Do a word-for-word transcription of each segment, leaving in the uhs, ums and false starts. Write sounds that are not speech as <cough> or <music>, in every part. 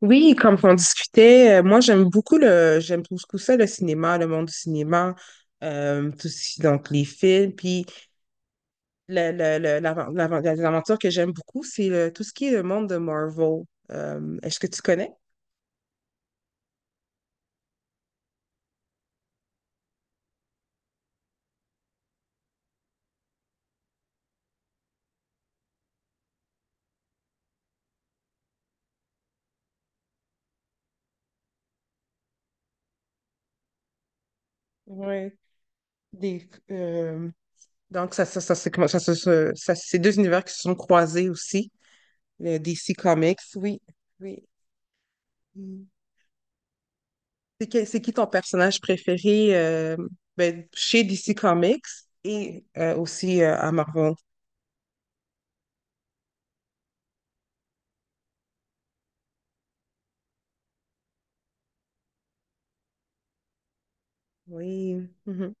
Oui, comme on discutait, euh, moi j'aime beaucoup le, j'aime beaucoup ça, le cinéma, le monde du cinéma, euh, tout ce qui- donc les films, puis le- le- le- l'avan- l'avan- les aventures que j'aime beaucoup, c'est le- tout ce qui est le monde de Marvel. Euh, est-ce que tu connais? Oui. Des, euh, donc ça, ça, ça, c'est comment- ça, se- se- ça, c'est deux univers qui se sont croisés aussi, le D C Comics, oui, oui. C'est que- c'est qui ton personnage préféré, euh, ben, chez D C Comics et, euh, aussi, euh, à Marvel? Oui. Mhm.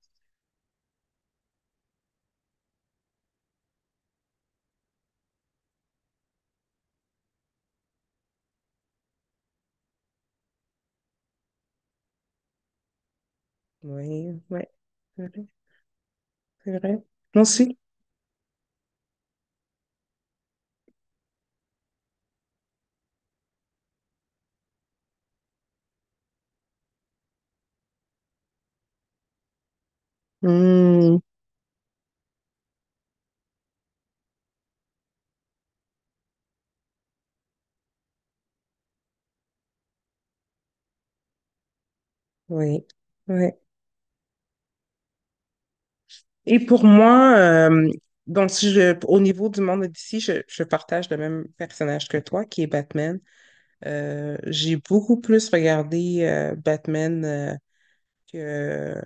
Oui, ouais. C'est vrai, c'est vrai. Moi aussi. Hmm. Oui. Ouais. Et pour moi, euh, donc si je, au niveau du monde d'ici, je, je partage le même personnage que toi, qui est Batman. Euh, j'ai beaucoup plus regardé, euh, Batman, euh, que,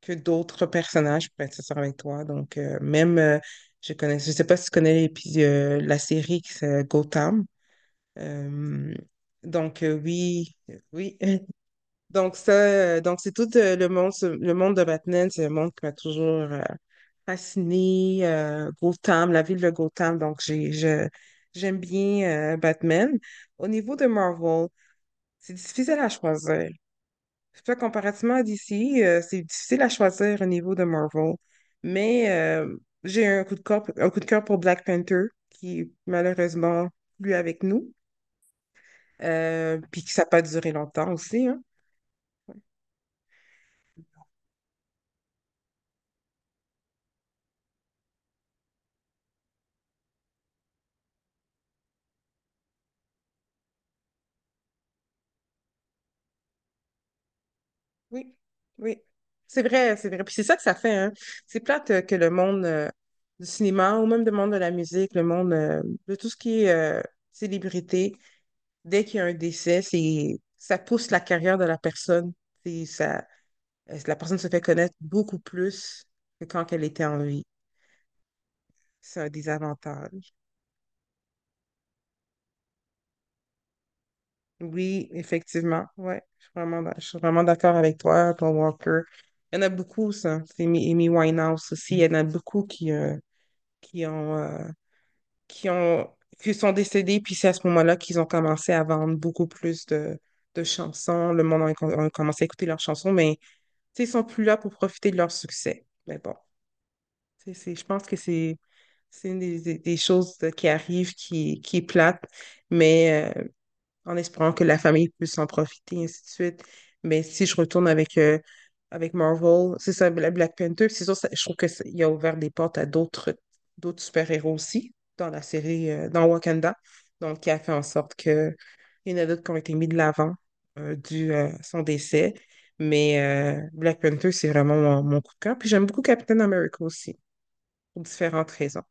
que d'autres personnages, pour être sincère avec toi. Donc, euh, même, euh, je connais, je sais pas si tu connais l'épi- euh, la série qui s'appelle Gotham. Euh, donc, euh, oui, oui. <laughs> Donc ça, euh, donc c'est tout, euh, le monde, ce- le monde de Batman, c'est un monde qui m'a toujours, euh, fasciné. euh, Gotham, la ville de Gotham, donc j'ai, je, j'aime bien, euh, Batman. Au niveau de Marvel, c'est difficile à choisir. Je sais pas, comparativement à D C, euh, c'est difficile à choisir au niveau de Marvel. Mais euh, j'ai un coup de cœur, un coup de cœur pour Black Panther, qui est malheureusement plus avec nous, euh, puis que ça n'a pas duré longtemps aussi, hein. Oui, oui. C'est vrai, c'est vrai. Puis c'est ça que ça fait, hein. C'est plate, euh, que le monde, euh, du cinéma ou même le monde de la musique, le monde, euh, de tout ce qui est, euh, célébrité, dès qu'il y a un décès, c'est ça pousse la carrière de la personne. C'est ça. Euh, La personne se fait connaître beaucoup plus que quand elle était en vie. C'est un désavantage. Oui, effectivement. Ouais, je suis vraiment, d'ac- je suis vraiment d'accord avec toi, Paul Walker. Il y en a beaucoup, ça. C'est Amy Amy Winehouse aussi. Il y en a beaucoup qui, euh, qui ont, euh, qui ont, qui sont décédés. Puis c'est à ce moment-là qu'ils ont commencé à vendre beaucoup plus de, de chansons. Le monde a, a commencé à écouter leurs chansons, mais tu sais, ils sont plus là pour profiter de leur succès. Mais bon, tu sais, c'est- je pense que c'est C'est une des, des- des choses, de- qui arrivent, qui, qui est plate, mais, euh, en espérant que la famille puisse en profiter, et ainsi de suite. Mais si je retourne avec, euh, avec Marvel, c'est ça, Bla- Black Panther, c'est sûr, ça- je trouve qu'il a ouvert des portes à d'autres d'autres super-héros aussi dans la série, euh, dans Wakanda. Donc, qui a fait en sorte qu'il y en a d'autres qui ont été mis de l'avant, euh, dû, euh, à son décès. Mais euh, Black Panther, c'est vraiment mon, mon coup de cœur. Puis j'aime beaucoup Captain America aussi, pour différentes raisons.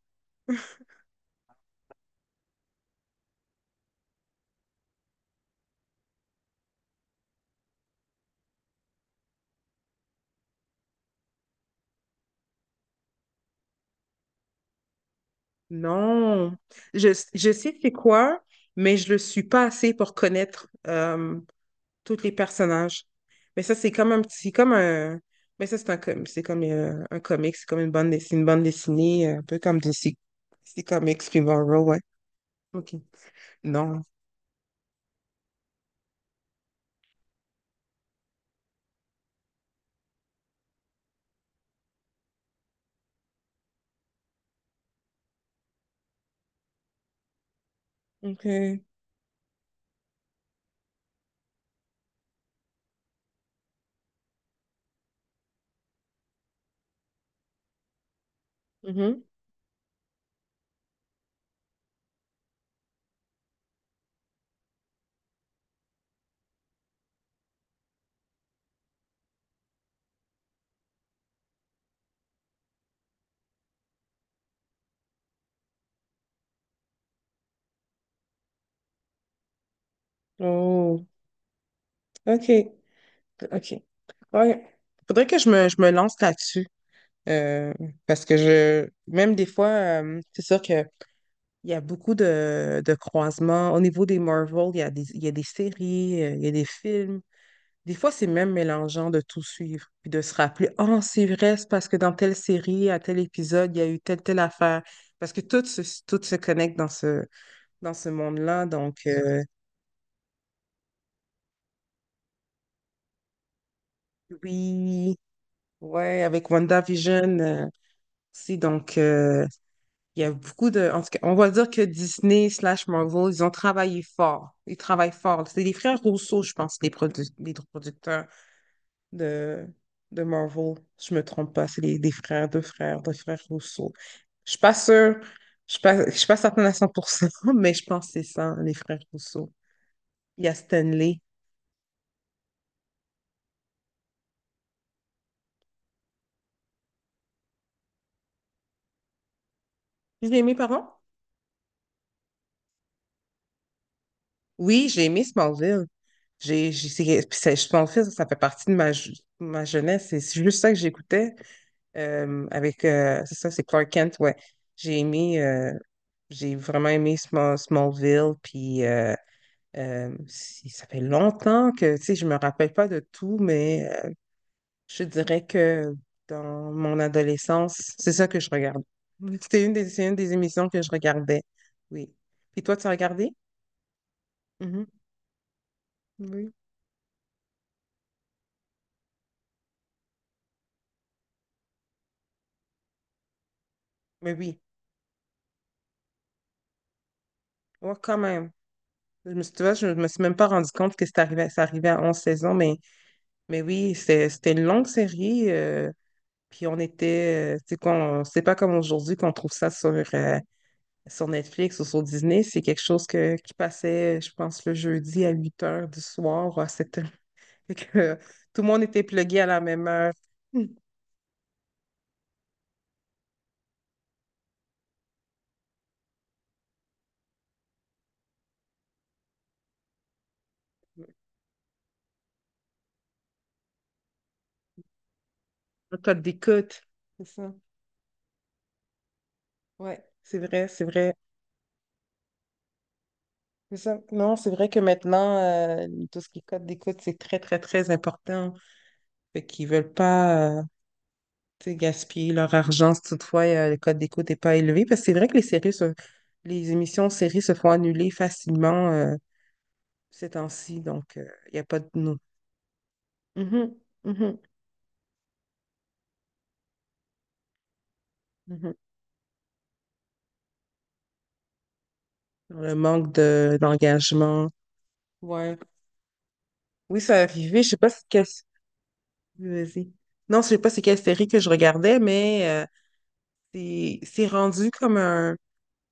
Non, je, je sais c'est quoi, mais je le suis pas assez pour connaître, euh, tous les personnages. Mais ça, c'est comme un petit, comme un, mais ça, c'est un, com- c'est comme, euh, un comic, c'est comme une bande, dess- c'est une bande dessinée, un peu comme D C, D C Comics Tomorrow, ouais. OK. Non. OK. Mhm. Oh, OK. OK. Ouais. Faudrait que je me, je me lance là-dessus. euh, Parce que je, même des fois, euh, c'est sûr que il y a beaucoup de, de croisements. Au niveau des Marvel, il y a des, il y a des séries, euh, il y a des films. Des fois, c'est même mélangeant de tout suivre, puis de se rappeler, oh, c'est vrai, c'est parce que dans telle série, à tel épisode, il y a eu telle, telle affaire. Parce que tout se, tout se connecte dans ce, dans ce monde-là. Donc, euh, oui. Ouais, avec WandaVision, euh, aussi. Donc, euh, il y a beaucoup de. En tout cas, on va dire que Disney slash Marvel, ils ont travaillé fort. Ils travaillent fort. C'est les frères Rousseau, je pense, les, produ- les producteurs de, de Marvel. Je me trompe pas. C'est les, des frères, deux frères, deux frères Rousseau. Je suis pas sûre. Je suis pas, je suis pas certaine à cent pour cent <laughs> mais je pense que c'est ça, les frères Rousseau. Il y a Stanley. Je l'ai aimé, pardon? Oui, j'ai aimé Smallville. J'ai, j'ai, c'est- puis c'est- Smallville, ça fait partie de ma, je- ma jeunesse. C'est c'est juste ça que j'écoutais, euh, avec, euh, c'est ça, c'est Clark Kent, ouais. J'ai aimé, euh, j'ai vraiment aimé Small- Smallville, puis, euh, euh, si- ça fait longtemps que, tu sais, je me rappelle pas de tout, mais, euh, je dirais que dans mon adolescence, c'est ça que je regarde. <laughs> C'était une des, c'est une des émissions que je regardais, oui. Puis toi, tu as regardé? Mhm. Oui. Mais oui, ouais, quand même. Je me suis, tu vois, je me suis même pas rendu compte que c'est arrivé, ça arrivait à onze saisons, mais, mais oui, c'est- c'était une longue série. Euh, puis on était, euh, tu sais, qu'on, c'est pas comme aujourd'hui qu'on trouve ça sur, euh, sur Netflix ou sur Disney. C'est quelque chose que, qui passait, je pense, le jeudi à huit heures du soir, ou à sept heures. <laughs> Fait que, euh, tout le monde était plugué à la même heure. Hum. Un code d'écoute. C'est ça. Ouais, c'est vrai, c'est vrai. C'est ça. Non, c'est vrai que maintenant, euh, tout ce qui est code d'écoute, c'est très, très, très important. Fait qu'ils veulent pas, euh, tu sais, gaspiller leur argent si toutefois, euh, le code d'écoute n'est pas élevé. Parce que c'est vrai que les séries se- les émissions de séries se font annuler facilement, euh, ces temps-ci. Donc, euh, il n'y a pas de nous. Mhm, mhm, mhm. Le manque de, d'engagement. Ouais. Oui, ça arrivé. Je sais pas c'est quelle... Vas-y. Non, je sais pas c'est quelle série que je regardais, mais, euh, c'est c'est rendu comme un.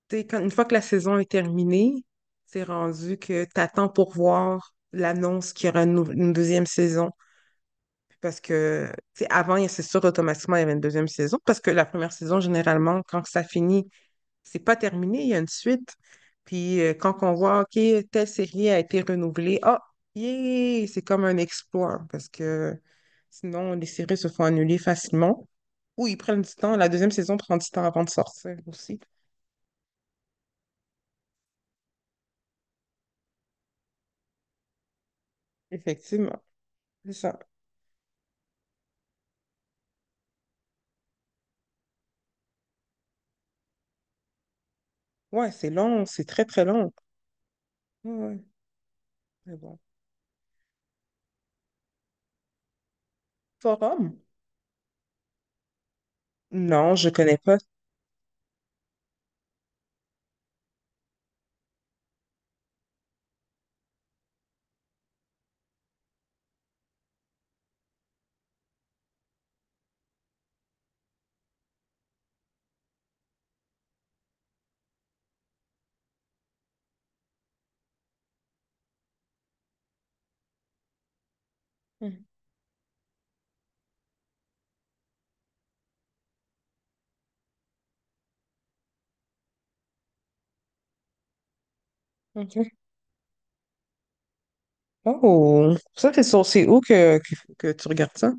Tu sais, quand- une fois que la saison est terminée, c'est rendu que tu attends pour voir l'annonce qu'il y aura une, nou- une deuxième saison. Parce que, tu sais, avant, c'est sûr, automatiquement, il y avait une deuxième saison. Parce que la première saison, généralement, quand ça finit, c'est pas terminé, il y a une suite. Puis, euh, quand on voit, OK, telle série a été renouvelée, ah, yeah, c'est comme un exploit. Parce que sinon, les séries se font annuler facilement. Ou ils prennent du temps. La deuxième saison prend du temps avant de sortir aussi. Effectivement, c'est ça. Ouais, c'est long, c'est très très long. Ouais, ouais, mais bon. Forum? Non, je connais pas. Mhm. Ok. Oh, ça, c'est sur, c'est où que, que, que tu regardes ça?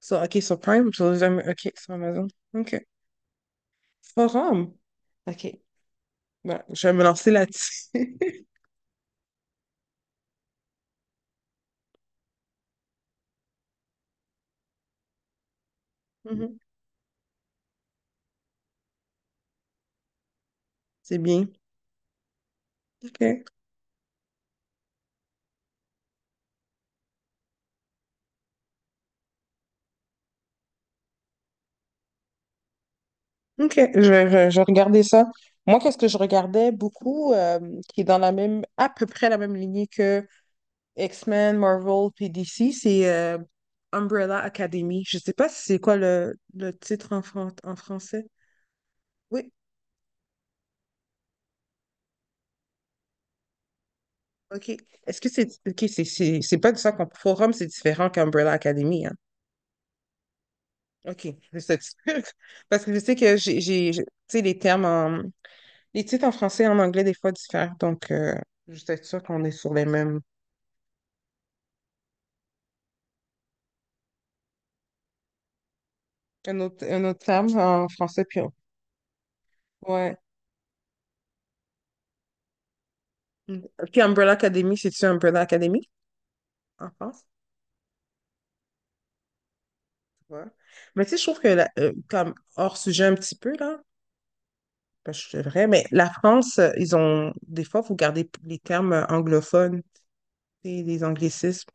Sur, ok, sur Prime, sur, Am- ok, sur Amazon. Ok. Forum? Ok. Ben, je vais me lancer là-dessus. <laughs> Mhm. C'est bien. OK. OK. Je, je, je regardais ça. Moi, qu'est-ce que je regardais beaucoup, euh, qui est dans la même, à peu près la même lignée que X-Men, Marvel, puis D C, c'est, euh, Umbrella Academy. Je sais pas si c'est quoi le, le titre en, fran- en français. Oui, ok. Est-ce que c'est... Ok, c'est c'est- c'est pas de ça qu'on... Forum, c'est différent qu'Umbrella Academy, hein? Ok, je être sûre. <laughs> Parce que je sais que j'ai... j'ai- je- Tu sais, les termes en... Les titres en français et en anglais, des fois, diffèrent. Donc, euh, juste être sûr qu'on est sur les mêmes... Un autre, un autre terme en français, puis... on- Ouais. Mm. Puis Umbrella Academy, c'est-tu Umbrella Academy en France? Ouais. Mais tu sais, je trouve que, la- euh, comme hors sujet un petit peu, là, parce que c'est vrai, mais la France, euh, ils ont, des fois, faut garder, p- les termes, euh, anglophones, et les anglicismes.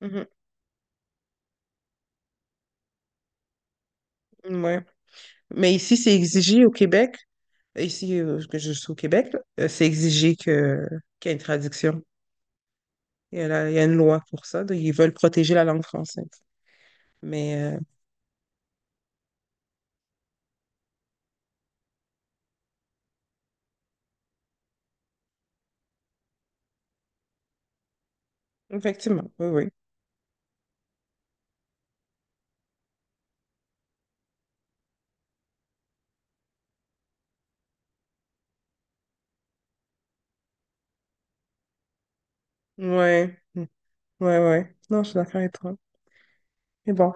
Mhm. Ouais. Mais ici, c'est exigé au Québec, ici, euh, que je suis au Québec, là, euh, c'est exigé que, qu'il y ait une traduction. Il y a, la- il y a une loi pour ça, donc ils veulent protéger la langue française. Mais, euh, effectivement, oui, oui. Ouais, Mm, ouais, ouais. Non, je suis d'accord avec toi. Mais bon,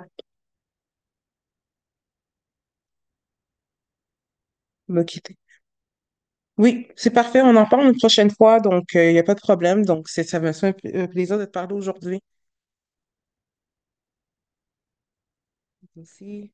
on va quitter. Oui, c'est parfait. On en parle une prochaine fois, donc il n'y a pas de problème. Donc, c'est- ça me fait un p- un plaisir de te parler aujourd'hui. Merci.